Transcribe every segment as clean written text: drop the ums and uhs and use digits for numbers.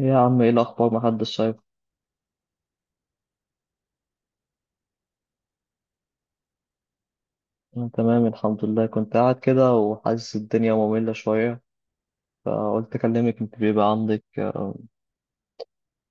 إيه يا عم، ايه الاخبار؟ محدش شايف. انا تمام الحمد لله، كنت قاعد كده وحاسس الدنيا مملة شوية، فقلت اكلمك. انت بيبقى عندك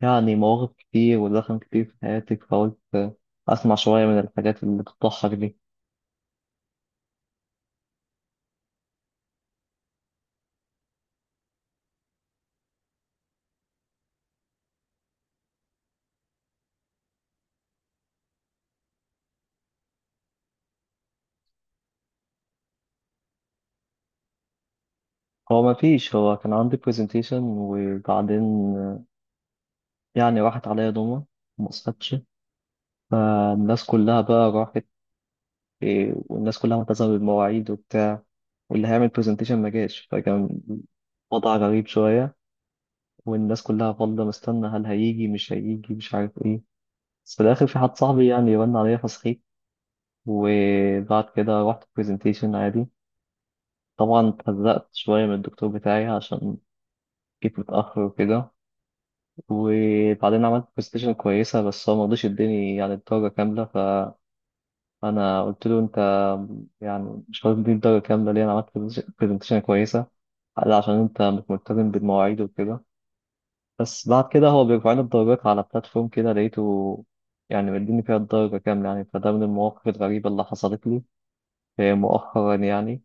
يعني مواقف كتير ودخل كتير في حياتك، فقلت اسمع شوية من الحاجات اللي بتضحك دي. هو ما فيش، هو كان عندي برزنتيشن، وبعدين آه، يعني راحت عليا دوما، ما صحتش. فالناس كلها بقى راحت، والناس كلها ملتزمة بالمواعيد وبتاع، واللي هيعمل برزنتيشن ما جاش. فكان وضع غريب شوية، والناس كلها فاضلة مستنى هل هيجي مش هيجي مش عارف ايه. بس في الآخر في حد صاحبي يعني رن عليا فصحيت، وبعد كده رحت برزنتيشن عادي. طبعا اتهزقت شوية من الدكتور بتاعي عشان جيت متأخر وكده. وبعدين عملت برزنتيشن كويسة، بس هو مرضيش يديني يعني الدرجة كاملة. فأنا قلت له، أنت يعني مش هتديني الدرجة كاملة ليه؟ أنا عملت برزنتيشن كويسة. قال عشان أنت مش ملتزم بالمواعيد وكده. بس بعد كده هو بيرفعني الدرجات على بلاتفورم، كده لقيته يعني مديني فيها الدرجة كاملة. يعني فده من المواقف الغريبة اللي حصلت لي مؤخرا يعني.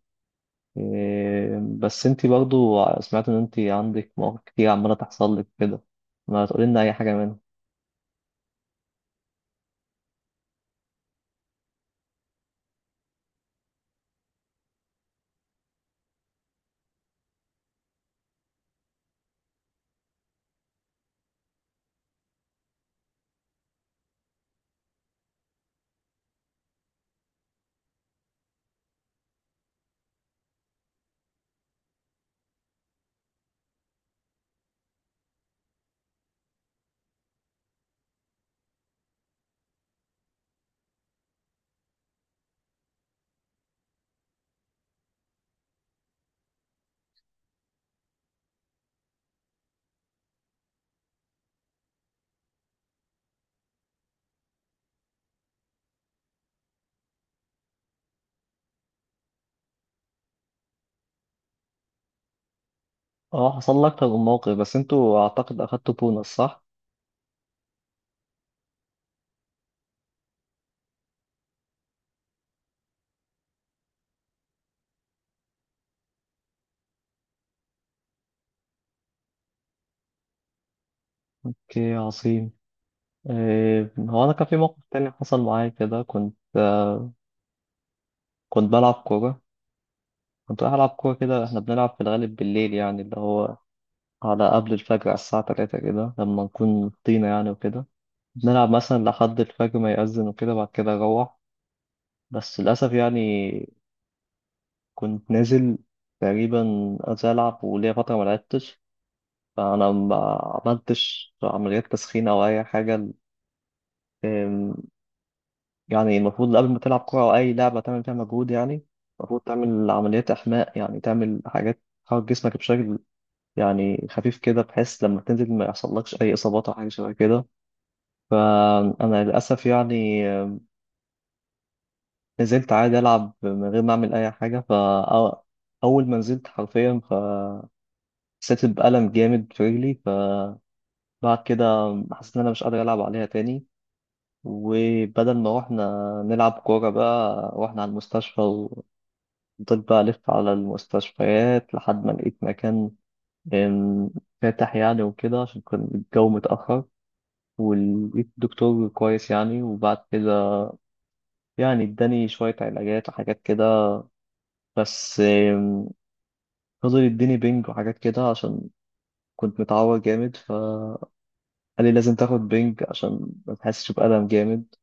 بس انتي برضو سمعت ان انتي عندك مواقف كتير عمالة تحصل لك كده، ما تقولي لنا اي حاجة منها. اه، حصل لك اكتر من موقف، بس انتوا اعتقد اخدتوا بونص، صح؟ اوكي عظيم. هو انا كان في موقف تاني حصل معايا كده. كنت بلعب كورة. كنت رايح ألعب كورة كده، احنا بنلعب في الغالب بالليل، يعني اللي هو على قبل الفجر، على الساعة تلاتة كده، لما نكون طينة يعني وكده. بنلعب مثلا لحد الفجر ما يأذن وكده، بعد كده أروح. بس للأسف يعني كنت نازل، تقريبا عايز ألعب وليا فترة ما لعبتش، فأنا ما عملتش عمليات تسخين أو أي حاجة. أم، يعني المفروض قبل ما تلعب كورة أو أي لعبة تعمل فيها مجهود، يعني المفروض تعمل عمليات إحماء، يعني تعمل حاجات تحرك جسمك بشكل يعني خفيف كده، بحيث لما تنزل ما يحصلكش أي إصابات أو حاجة شبه كده. فأنا للأسف يعني نزلت عادي ألعب من غير ما أعمل أي حاجة، فأول ما نزلت حرفيا فحسيت بألم جامد في رجلي. فبعد كده حسيت إن أنا مش قادر ألعب عليها تاني، وبدل ما روحنا نلعب كورة بقى روحنا على المستشفى. وفضلت بقى ألف على المستشفيات لحد ما لقيت مكان أم، فاتح يعني وكده، عشان كان الجو متأخر. ولقيت دكتور كويس يعني، وبعد كده يعني اداني شوية علاجات وحاجات كده. بس فضل يديني بينج وحاجات كده عشان كنت متعور جامد. فقال لي لازم تاخد بينج عشان ما تحسش بألم جامد.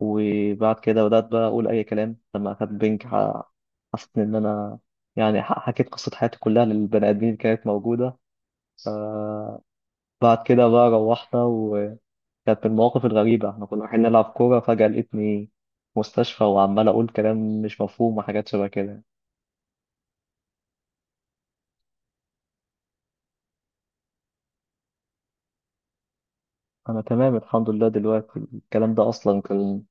وبعد كده بدأت بقى أقول أي كلام لما أخدت بينج. حسيت إن أنا يعني حكيت قصة حياتي كلها للبني آدمين اللي كانت موجودة. بعد كده بقى روحنا، وكانت من المواقف الغريبة، احنا كنا رايحين نلعب كورة فجأة لقيتني في مستشفى وعمال أقول كلام مش مفهوم وحاجات شبه كده. أنا تمام الحمد لله، دلوقتي الكلام ده أصلا كان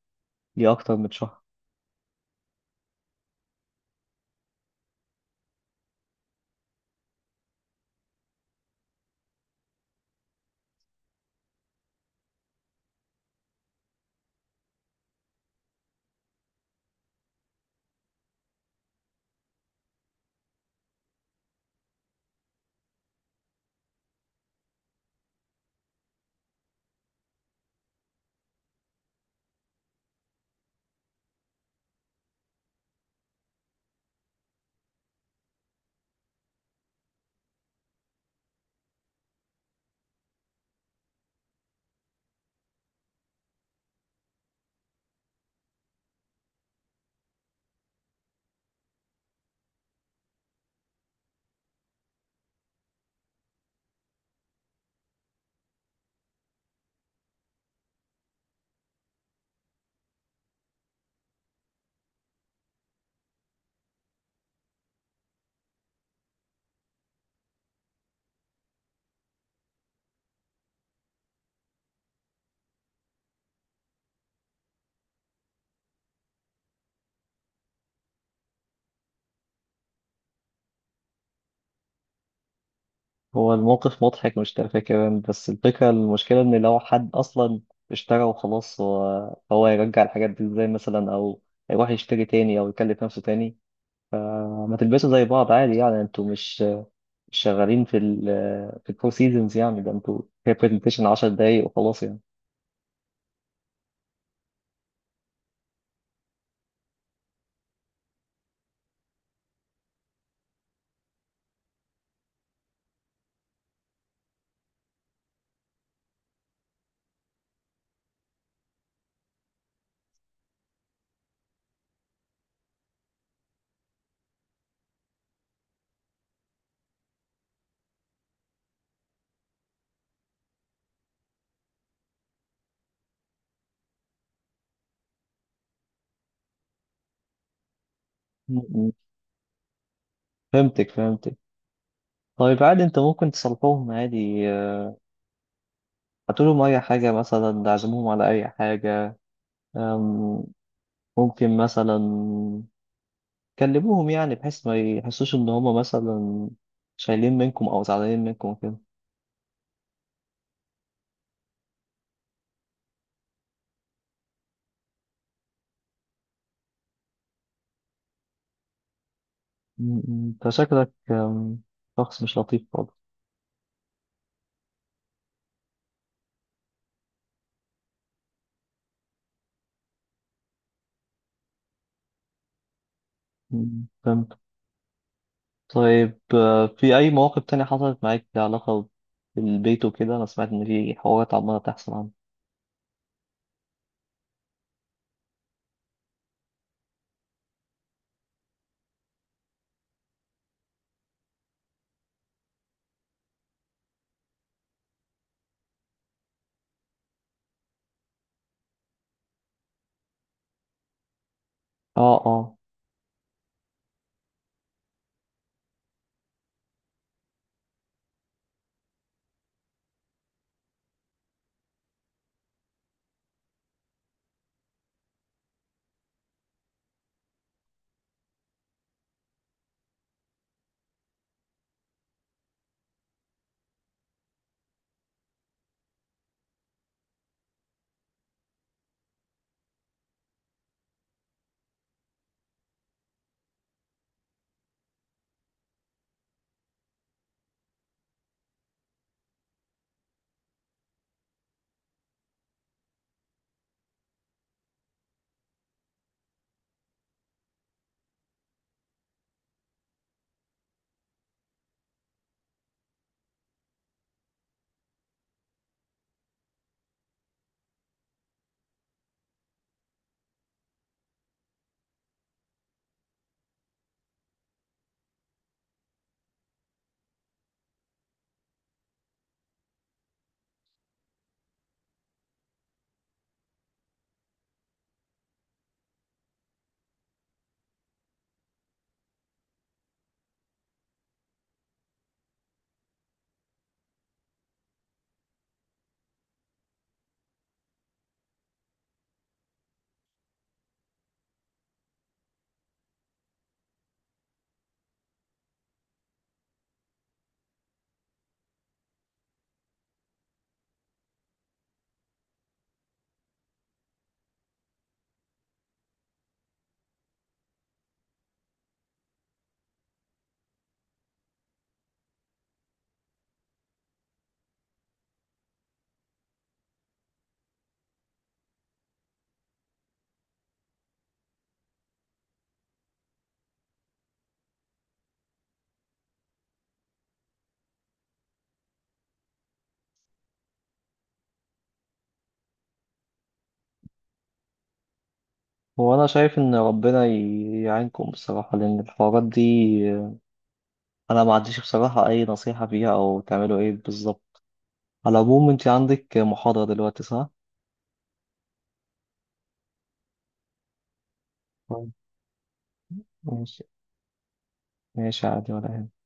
ليه أكتر من شهر. هو الموقف مضحك، مش تافه كمان. بس الفكرة المشكلة إن لو حد أصلا اشترى وخلاص، هو هيرجع الحاجات دي إزاي مثلا، أو هيروح يشتري تاني أو يكلف نفسه تاني. ما تلبسوا زي بعض عادي يعني، أنتوا مش شغالين في ال في الفور سيزونز يعني. ده أنتوا هي برزنتيشن 10 دقايق وخلاص يعني. م- م. فهمتك فهمتك. طيب عادي، أنت ممكن تصلحوهم عادي، هاتولهم أي حاجة مثلا، عزموهم على أي حاجة. آم، ممكن مثلا كلموهم، يعني بحيث ما يحسوش ان هما مثلا شايلين منكم او زعلانين منكم وكده. م- م. انت شكلك شخص مش لطيف خالص. فهمت. طيب، في اي مواقف تانية حصلت معاك لها علاقة بالبيت وكده؟ انا سمعت ان في حوارات عمالة تحصل عنه. اه، اه. هو انا شايف ان ربنا يعينكم بصراحة، لان الحوارات دي آه، انا ما عنديش بصراحة اي نصيحة فيها او تعملوا ايه بالظبط. على العموم، انت عندك محاضرة دلوقتي، صح؟ طيب، ماشي. ماشي عادي، ولا يهمك.